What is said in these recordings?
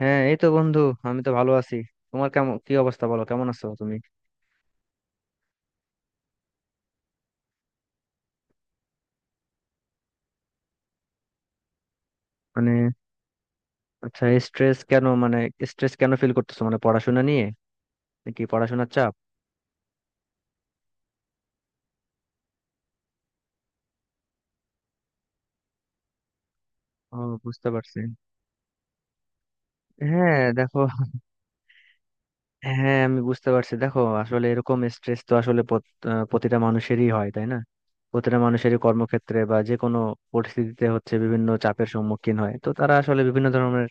হ্যাঁ, এই তো বন্ধু। আমি তো ভালো আছি। তোমার কেমন, কি অবস্থা, বলো কেমন আছো তুমি? মানে, আচ্ছা স্ট্রেস কেন, মানে স্ট্রেস কেন ফিল করতেছো? মানে পড়াশোনা নিয়ে, নাকি পড়াশোনার চাপ? ও, বুঝতে পারছি। হ্যাঁ দেখো, হ্যাঁ আমি বুঝতে পারছি। দেখো আসলে এরকম স্ট্রেস তো আসলে প্রতিটা মানুষেরই হয়, তাই না? প্রতিটা মানুষেরই কর্মক্ষেত্রে বা যে কোনো পরিস্থিতিতে হচ্ছে বিভিন্ন চাপের সম্মুখীন হয়, তো তারা আসলে বিভিন্ন ধরনের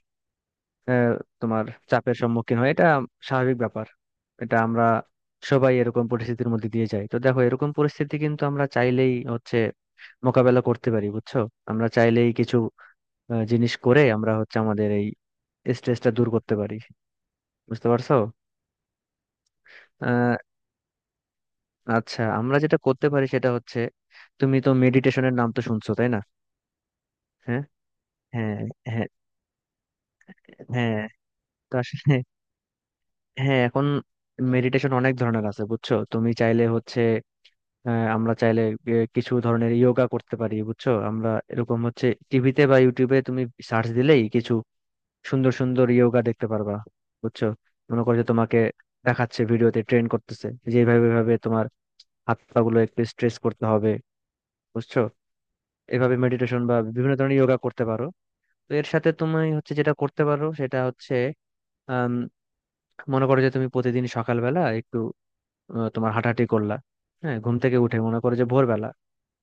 আহ, তোমার চাপের সম্মুখীন হয়। এটা স্বাভাবিক ব্যাপার। এটা আমরা সবাই এরকম পরিস্থিতির মধ্যে দিয়ে যাই। তো দেখো এরকম পরিস্থিতি কিন্তু আমরা চাইলেই হচ্ছে মোকাবেলা করতে পারি, বুঝছো। আমরা চাইলেই কিছু জিনিস করে আমরা হচ্ছে আমাদের এই স্ট্রেসটা দূর করতে পারি। বুঝতে পারছো? আহ আচ্ছা, আমরা যেটা করতে পারি সেটা হচ্ছে, তুমি তো মেডিটেশনের নাম তো শুনছো, তাই না? হ্যাঁ, হ্যাঁ, হ্যাঁ, হ্যাঁ। তো আসলে হ্যাঁ এখন মেডিটেশন অনেক ধরনের আছে, বুঝছো। তুমি চাইলে হচ্ছে, হ্যাঁ আমরা চাইলে কিছু ধরনের যোগা করতে পারি, বুঝছো। আমরা এরকম হচ্ছে টিভিতে বা ইউটিউবে তুমি সার্চ দিলেই কিছু সুন্দর সুন্দর যোগা দেখতে পারবা, বুঝছো। মনে করো যে তোমাকে দেখাচ্ছে, ভিডিওতে ট্রেন করতেছে যে এইভাবে এইভাবে তোমার হাত পা গুলো একটু স্ট্রেস করতে হবে, বুঝছো। এভাবে মেডিটেশন বা বিভিন্ন ধরনের যোগা করতে পারো। তো এর সাথে তুমি হচ্ছে যেটা করতে পারো সেটা হচ্ছে, আম, মনে করো যে তুমি প্রতিদিন সকালবেলা একটু তোমার হাঁটাহাঁটি করলা। হ্যাঁ, ঘুম থেকে উঠে মনে করো যে ভোরবেলা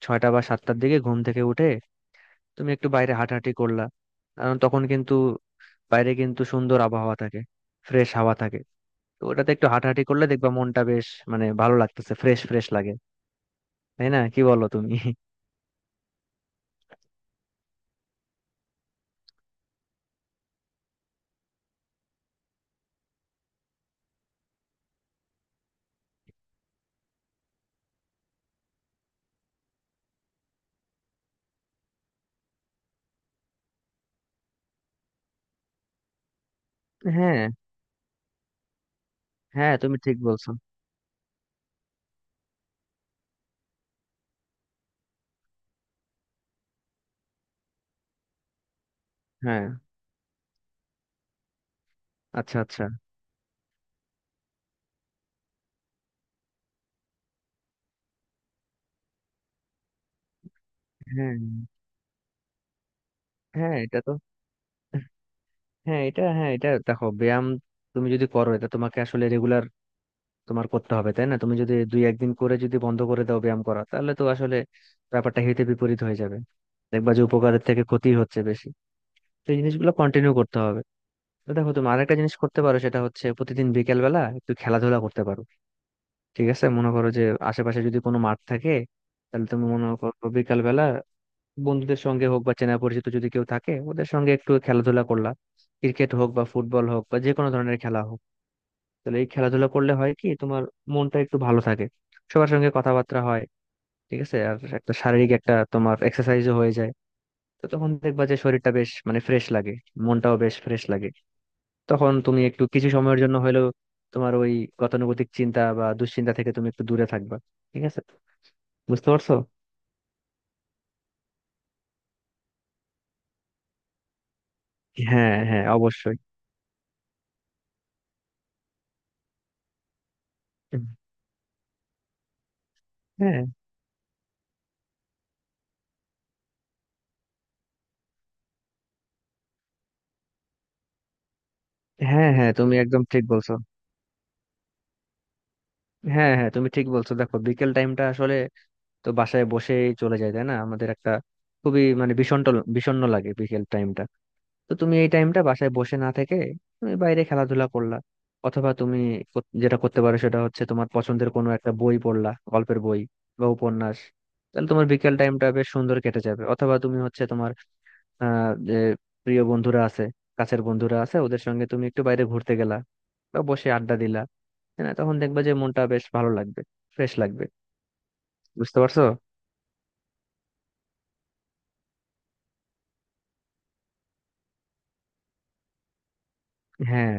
6টা বা 7টার দিকে ঘুম থেকে উঠে তুমি একটু বাইরে হাঁটাহাঁটি করলা। কারণ তখন কিন্তু বাইরে কিন্তু সুন্দর আবহাওয়া থাকে, ফ্রেশ হাওয়া থাকে। তো ওটাতে একটু হাঁটাহাঁটি করলে দেখবা মনটা বেশ মানে ভালো লাগতেছে, ফ্রেশ ফ্রেশ লাগে। তাই না, কি বলো তুমি? হ্যাঁ, হ্যাঁ, তুমি ঠিক বলছো। হ্যাঁ। আচ্ছা, আচ্ছা। হ্যাঁ, হ্যাঁ, এটা তো, হ্যাঁ এটা দেখো, ব্যায়াম তুমি যদি করো এটা তোমাকে আসলে রেগুলার তোমার করতে হবে, তাই না? তুমি যদি দুই একদিন করে যদি বন্ধ করে দাও ব্যায়াম করা তাহলে তো আসলে ব্যাপারটা হিতে বিপরীত হয়ে যাবে। দেখবা যে উপকারের থেকে ক্ষতি হচ্ছে বেশি। তো এই জিনিসগুলো কন্টিনিউ করতে হবে। তো দেখো, তুমি আরেকটা জিনিস করতে পারো সেটা হচ্ছে প্রতিদিন বিকেল বেলা একটু খেলাধুলা করতে পারো। ঠিক আছে, মনে করো যে আশেপাশে যদি কোনো মাঠ থাকে, তাহলে তুমি মনে করো বিকেল বেলা বন্ধুদের সঙ্গে হোক বা চেনা পরিচিত যদি কেউ থাকে ওদের সঙ্গে একটু খেলাধুলা করলা। ক্রিকেট হোক বা ফুটবল হোক বা যে কোনো ধরনের খেলা হোক, তাহলে এই খেলাধুলা করলে হয় কি, তোমার মনটা একটু ভালো থাকে, সবার সঙ্গে কথাবার্তা হয়। ঠিক আছে, আর একটা শারীরিক, একটা তোমার এক্সারসাইজও হয়ে যায়। তো তখন দেখবা যে শরীরটা বেশ মানে ফ্রেশ লাগে, মনটাও বেশ ফ্রেশ লাগে। তখন তুমি একটু কিছু সময়ের জন্য হলেও তোমার ওই গতানুগতিক চিন্তা বা দুশ্চিন্তা থেকে তুমি একটু দূরে থাকবা। ঠিক আছে, বুঝতে পারছো? হ্যাঁ, হ্যাঁ, অবশ্যই। হ্যাঁ, হ্যাঁ, হ্যাঁ, তুমি একদম ঠিক বলছো। হ্যাঁ, হ্যাঁ, তুমি ঠিক বলছো। দেখো বিকেল টাইমটা আসলে তো বাসায় বসেই চলে যায়, তাই না? আমাদের একটা খুবই মানে বিষণ্ণ, বিষণ্ণ লাগে বিকেল টাইমটা। তো তুমি এই টাইমটা বাসায় বসে না থেকে তুমি বাইরে খেলাধুলা করলা। অথবা তুমি যেটা করতে পারো সেটা হচ্ছে তোমার পছন্দের কোনো একটা বই পড়লা, গল্পের বই বা উপন্যাস। তাহলে তোমার বিকেল টাইমটা বেশ সুন্দর কেটে যাবে। অথবা তুমি হচ্ছে তোমার যে প্রিয় বন্ধুরা আছে, কাছের বন্ধুরা আছে, ওদের সঙ্গে তুমি একটু বাইরে ঘুরতে গেলা বা বসে আড্ডা দিলা। হ্যাঁ তখন দেখবা যে মনটা বেশ ভালো লাগবে, ফ্রেশ লাগবে। বুঝতে পারছো? হ্যাঁ,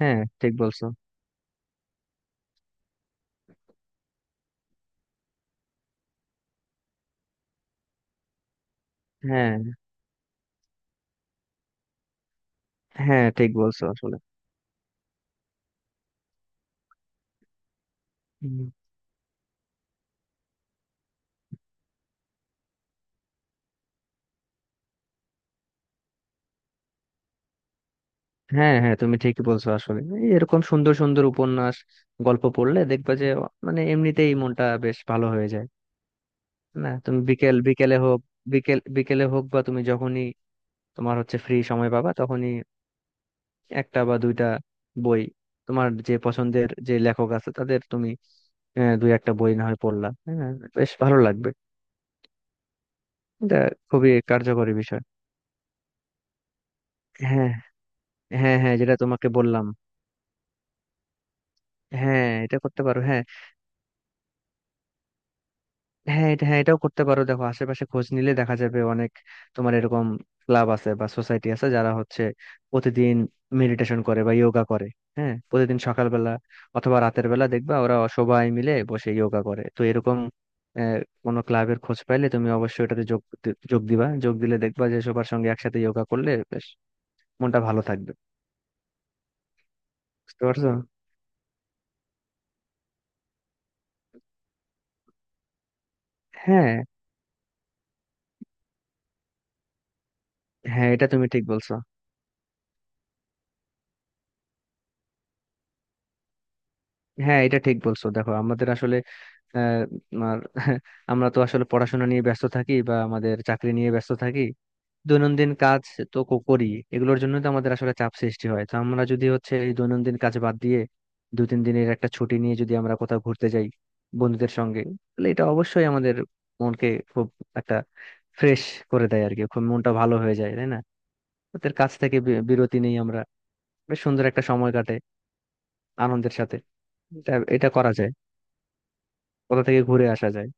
হ্যাঁ, ঠিক বলছো। হ্যাঁ, হ্যাঁ, ঠিক বলছো আসলে। হুম। হ্যাঁ, হ্যাঁ, তুমি ঠিকই বলছো আসলে। এই এরকম সুন্দর সুন্দর উপন্যাস, গল্প পড়লে দেখবা যে মানে এমনিতেই মনটা বেশ ভালো হয়ে যায়। না তুমি বিকেল বিকেলে হোক বা তুমি যখনই তোমার হচ্ছে ফ্রি সময় পাবা তখনই, একটা বা দুইটা বই, তোমার যে পছন্দের যে লেখক আছে তাদের তুমি দুই একটা বই না হয় পড়লা, হ্যাঁ, বেশ ভালো লাগবে। এটা খুবই কার্যকরী বিষয়। হ্যাঁ, হ্যাঁ, হ্যাঁ, যেটা তোমাকে বললাম। হ্যাঁ, এটা করতে পারো। হ্যাঁ, হ্যাঁ, এটা, হ্যাঁ, এটাও করতে পারো। দেখো আশেপাশে খোঁজ নিলে দেখা যাবে অনেক তোমার এরকম ক্লাব আছে বা সোসাইটি আছে যারা হচ্ছে প্রতিদিন মেডিটেশন করে বা যোগা করে। হ্যাঁ, প্রতিদিন সকালবেলা অথবা রাতের বেলা দেখবা ওরা সবাই মিলে বসে যোগা করে। তো এরকম আহ, কোনো ক্লাবের খোঁজ পাইলে তুমি অবশ্যই এটাতে যোগ দিবা। যোগ দিলে দেখবা যে সবার সঙ্গে একসাথে যোগা করলে বেশ মনটা ভালো থাকবে। বুঝতে পারছো? হ্যাঁ, হ্যাঁ, এটা তুমি ঠিক বলছো। হ্যাঁ এটা ঠিক বলছো। দেখো আমাদের আসলে আহ, আর আমরা তো আসলে পড়াশোনা নিয়ে ব্যস্ত থাকি বা আমাদের চাকরি নিয়ে ব্যস্ত থাকি, দৈনন্দিন কাজ তো করি, এগুলোর জন্য তো আমাদের আসলে চাপ সৃষ্টি হয়। তো আমরা যদি হচ্ছে এই দৈনন্দিন কাজ বাদ দিয়ে দু তিন দিনের একটা ছুটি নিয়ে যদি আমরা কোথাও ঘুরতে যাই বন্ধুদের সঙ্গে, তাহলে এটা অবশ্যই আমাদের মনকে খুব একটা ফ্রেশ করে দেয়, আর কি খুব মনটা ভালো হয়ে যায়, তাই না? ওদের কাছ থেকে বিরতি নেই আমরা, বেশ সুন্দর একটা সময় কাটে আনন্দের সাথে। এটা এটা করা যায়, কোথা থেকে ঘুরে আসা যায়।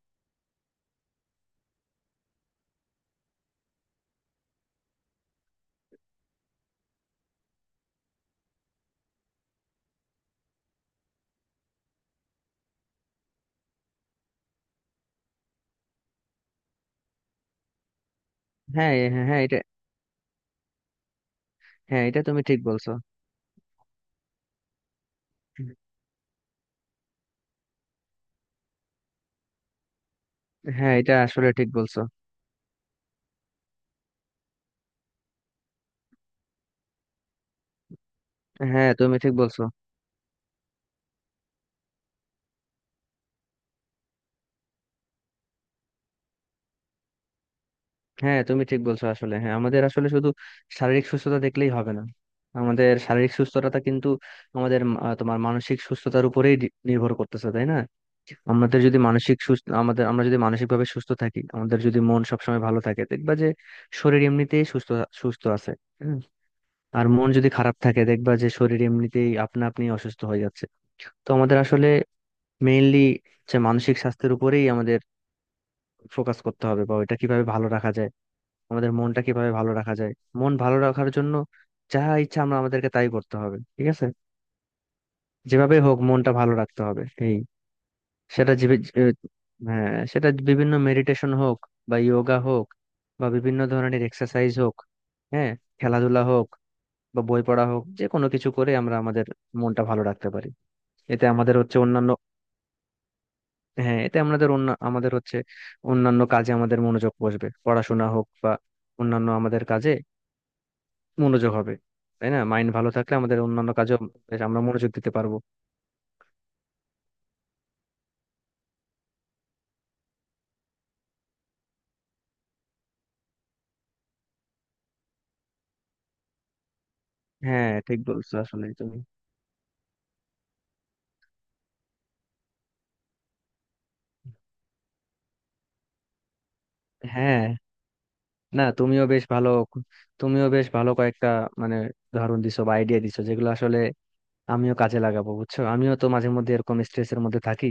হ্যাঁ, হ্যাঁ, হ্যাঁ, এটা। হ্যাঁ এটা তুমি ঠিক বলছো। হ্যাঁ এটা আসলে ঠিক বলছো। হ্যাঁ তুমি ঠিক বলছো। হ্যাঁ তুমি ঠিক বলছো আসলে। হ্যাঁ আমাদের আসলে শুধু শারীরিক সুস্থতা দেখলেই হবে না। আমাদের শারীরিক সুস্থতা কিন্তু আমাদের মানসিক সুস্থতার উপরেই নির্ভর করতেছে, তাই না? আমাদের যদি মানসিক সুস্থ আমাদের আমরা যদি মানসিক ভাবে সুস্থ থাকি, আমাদের যদি মন সবসময় ভালো থাকে, দেখবা যে শরীর এমনিতেই সুস্থ, সুস্থ আছে। হুম। আর মন যদি খারাপ থাকে দেখবা যে শরীর এমনিতেই আপনা আপনি অসুস্থ হয়ে যাচ্ছে। তো আমাদের আসলে মেইনলি যে মানসিক স্বাস্থ্যের উপরেই আমাদের ফোকাস করতে হবে, বা ওইটা কিভাবে ভালো রাখা যায়, আমাদের মনটা কিভাবে ভালো রাখা যায়। মন ভালো রাখার জন্য যা ইচ্ছা আমরা আমাদেরকে তাই করতে হবে, ঠিক আছে। যেভাবে হোক মনটা ভালো রাখতে হবে এই। সেটা জীবে- যে- হ্যাঁ সেটা বিভিন্ন মেডিটেশন হোক বা যোগা হোক বা বিভিন্ন ধরনের এক্সারসাইজ হোক, হ্যাঁ খেলাধুলা হোক বা বই পড়া হোক, যে কোনো কিছু করে আমরা আমাদের মনটা ভালো রাখতে পারি। এতে আমাদের হচ্ছে অন্যান্য, হ্যাঁ এতে আমাদের অন্য, আমাদের হচ্ছে অন্যান্য কাজে আমাদের মনোযোগ বসবে, পড়াশোনা হোক বা অন্যান্য আমাদের কাজে মনোযোগ হবে, তাই না? মাইন্ড ভালো থাকলে আমাদের অন্যান্য কাজেও বেশ আমরা মনোযোগ দিতে পারবো। হ্যাঁ ঠিক বলছো আসলে তুমি। হ্যাঁ, না তুমিও বেশ ভালো কয়েকটা মানে উদাহরণ দিছো বা আইডিয়া দিছো যেগুলো আসলে আমিও কাজে লাগাবো, বুঝছো। আমিও তো মাঝে মধ্যে এরকম স্ট্রেসের মধ্যে থাকি।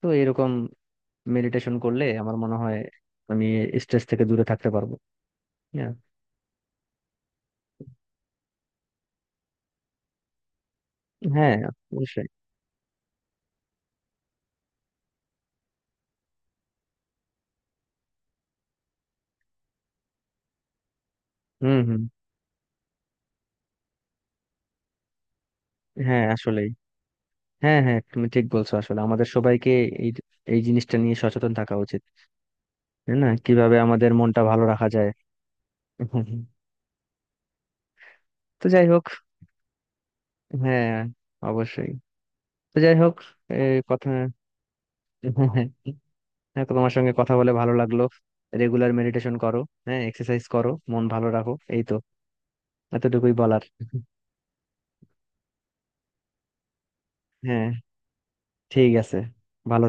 তো এরকম মেডিটেশন করলে আমার মনে হয় আমি স্ট্রেস থেকে দূরে থাকতে পারবো। হ্যাঁ, হ্যাঁ, অবশ্যই। হুম, হুম। হ্যাঁ আসলেই, হ্যাঁ, হ্যাঁ, তুমি ঠিক বলছো আসলে। আমাদের সবাইকে এই এই জিনিসটা নিয়ে সচেতন থাকা উচিত, তাই না? কিভাবে আমাদের মনটা ভালো রাখা যায়। হুম, হুম। তো যাই হোক, হ্যাঁ অবশ্যই। তো যাই হোক এই কথা, হ্যাঁ, তো তোমার সঙ্গে কথা বলে ভালো লাগলো। রেগুলার মেডিটেশন করো, হ্যাঁ এক্সারসাইজ করো, মন ভালো রাখো, এই তো, এতটুকুই বলার। হ্যাঁ, ঠিক আছে, ভালো।